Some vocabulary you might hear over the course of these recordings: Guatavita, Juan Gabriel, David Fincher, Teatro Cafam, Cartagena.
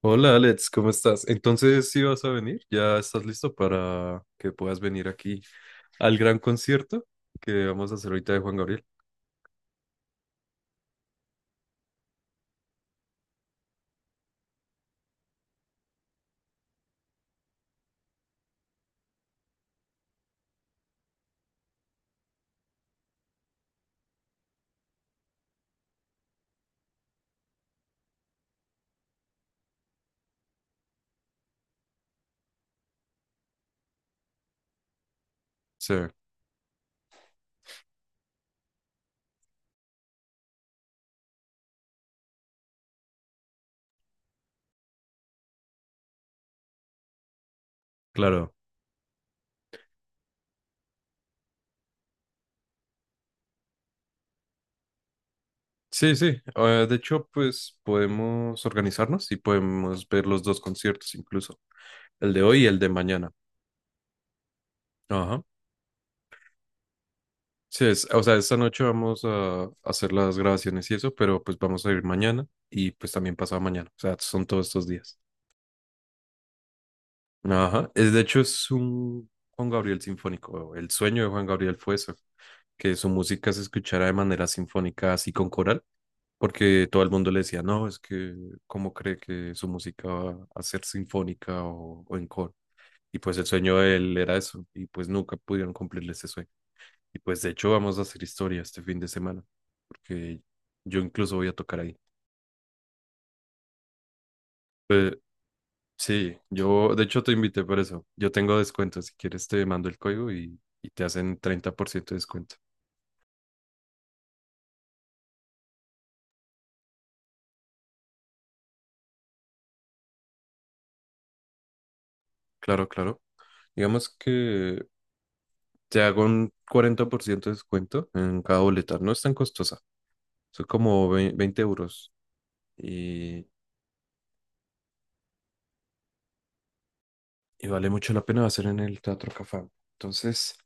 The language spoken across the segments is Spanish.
Hola Alex, ¿cómo estás? Entonces, ¿sí vas a venir? ¿Ya estás listo para que puedas venir aquí al gran concierto que vamos a hacer ahorita de Juan Gabriel? Sí, claro. Sí, sí. De hecho, pues podemos organizarnos y podemos ver los dos conciertos incluso, el de hoy y el de mañana. Ajá. Sí, es, o sea, esta noche vamos a hacer las grabaciones y eso, pero pues vamos a ir mañana y pues también pasado mañana. O sea, son todos estos días. Ajá. Es, de hecho, es un Juan Gabriel sinfónico. El sueño de Juan Gabriel fue eso, que su música se escuchara de manera sinfónica, así con coral, porque todo el mundo le decía, no, es que, ¿cómo cree que su música va a ser sinfónica o en coro? Y pues el sueño de él era eso, y pues nunca pudieron cumplirle ese sueño. Y pues de hecho vamos a hacer historia este fin de semana, porque yo incluso voy a tocar ahí. Pues, sí, yo de hecho te invité por eso. Yo tengo descuento, si quieres te mando el código y te hacen 30% de descuento. Claro, claro. Digamos que te hago un 40% de descuento en cada boleta. No es tan costosa, son como 20 € y, y vale mucho la pena hacer en el Teatro Cafam. Entonces,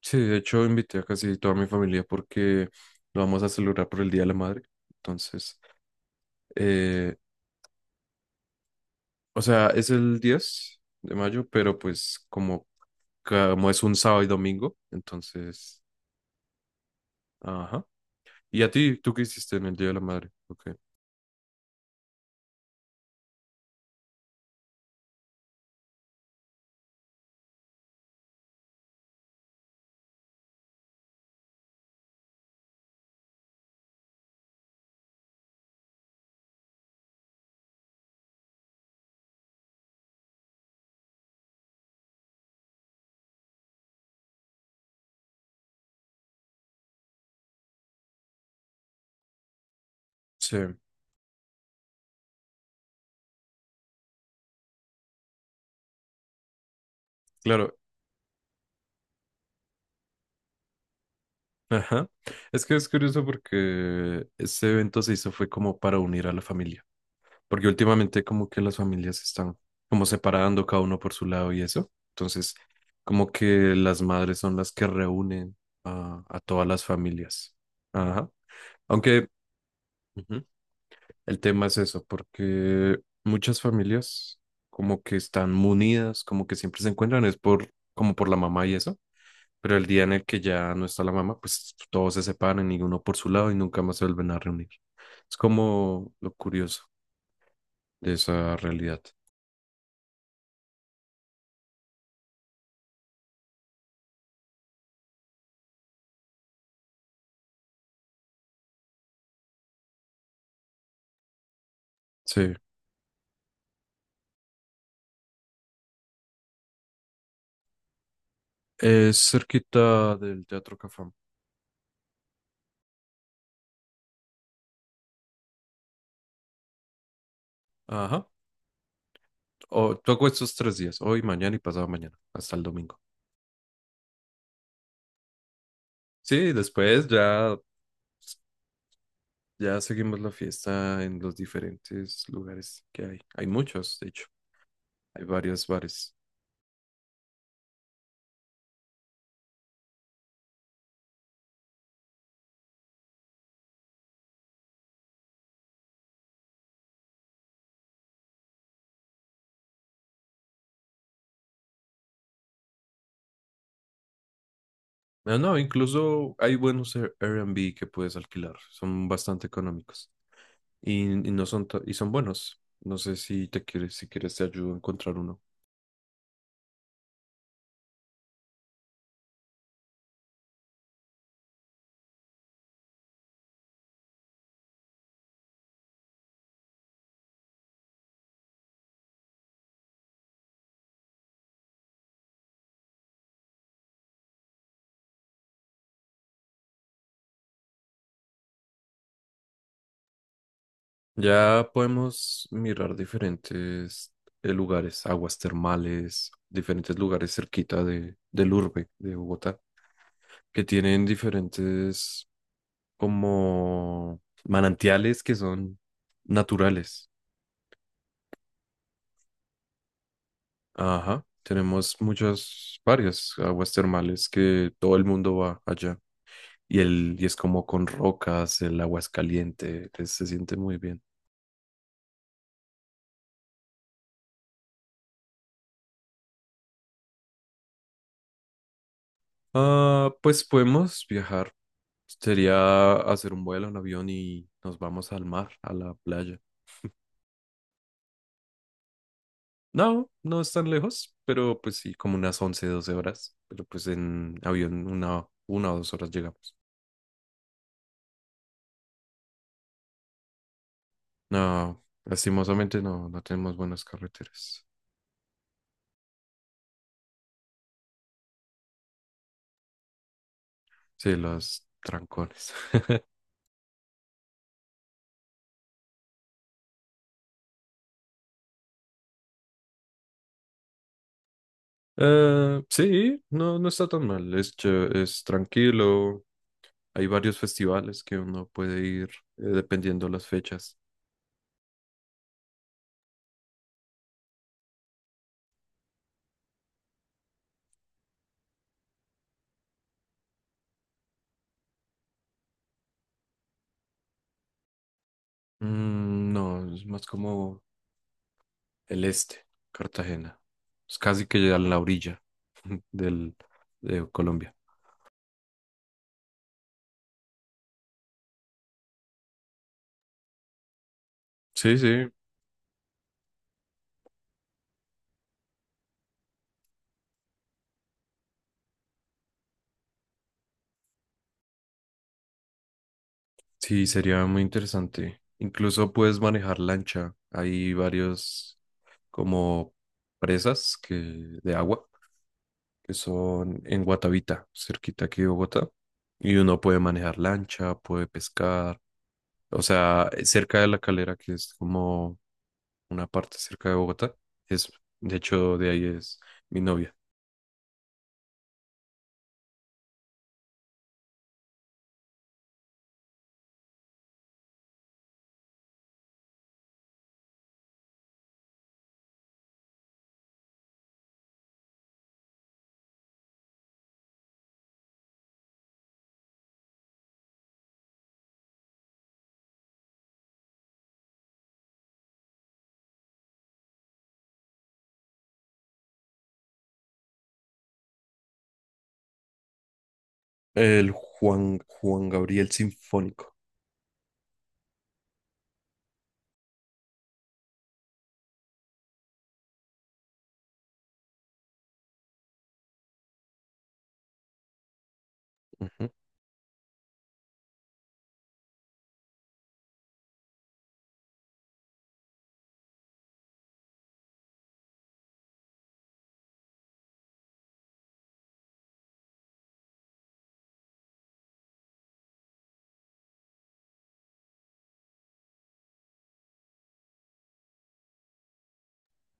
sí, de hecho invité a casi toda mi familia porque lo vamos a celebrar por el Día de la Madre. Entonces, eh, o sea, es el 10 de mayo, pero pues como es un sábado y domingo, entonces, ajá. ¿Y a ti, tú qué hiciste en el Día de la Madre? Ok. Sí, claro. Ajá. Es que es curioso porque ese evento se hizo fue como para unir a la familia, porque últimamente como que las familias se están como separando cada uno por su lado y eso. Entonces, como que las madres son las que reúnen a todas las familias. Ajá. Aunque... ujú. El tema es eso, porque muchas familias como que están munidas, como que siempre se encuentran, es por, como por la mamá y eso, pero el día en el que ya no está la mamá, pues todos se separan y uno por su lado y nunca más se vuelven a reunir. Es como lo curioso de esa realidad. Sí, es cerquita del Teatro Cafam. Ajá. O toco estos 3 días, hoy, mañana y pasado mañana, hasta el domingo. Sí, después ya seguimos la fiesta en los diferentes lugares que hay. Hay muchos, de hecho. Hay varios bares. No, no, incluso hay buenos Airbnb que puedes alquilar. Son bastante económicos. Y son buenos. No sé si te quieres, si quieres te ayudo a encontrar uno. Ya podemos mirar diferentes lugares, aguas termales, diferentes lugares cerquita de, del urbe de Bogotá, que tienen diferentes como manantiales que son naturales. Ajá, tenemos muchas, varias aguas termales que todo el mundo va allá. Y el, y es como con rocas, el agua es caliente, se siente muy bien. Ah, pues podemos viajar. Sería hacer un vuelo, un avión y nos vamos al mar, a la playa. No, no es tan lejos, pero pues sí, como unas 11 12 horas. Pero pues en avión una o dos horas llegamos. No, lastimosamente no, no tenemos buenas carreteras. Sí, los trancones. Sí, no, no está tan mal. Es, es tranquilo. Hay varios festivales que uno puede ir dependiendo las fechas. Mm, no, es más como el este, Cartagena. Es casi que ya en la orilla del, de Colombia. Sí, sí, sí, sería muy interesante. Incluso puedes manejar lancha. Hay varios como presas que, de agua que son en Guatavita, cerquita aquí de Bogotá. Y uno puede manejar lancha, puede pescar. O sea, cerca de la Calera, que es como una parte cerca de Bogotá. Es, de hecho, de ahí es mi novia. El Juan Gabriel Sinfónico. Ujú.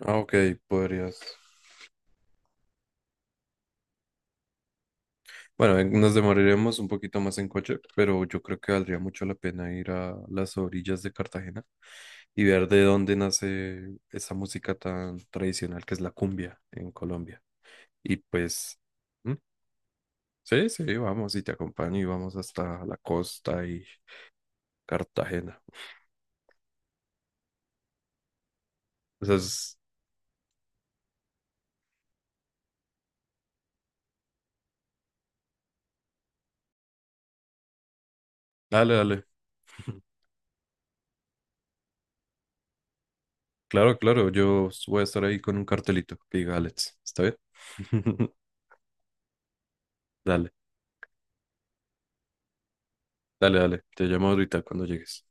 Ah, ok, podrías. Bueno, nos demoraremos un poquito más en coche, pero yo creo que valdría mucho la pena ir a las orillas de Cartagena y ver de dónde nace esa música tan tradicional que es la cumbia en Colombia. Y pues, ¿mm? Sí, sí, vamos y te acompaño y vamos hasta la costa y Cartagena. Entonces, dale, dale. Claro, claro, yo voy a estar ahí con un cartelito que diga Alex, ¿está bien? Dale, dale, dale. Te llamo ahorita cuando llegues.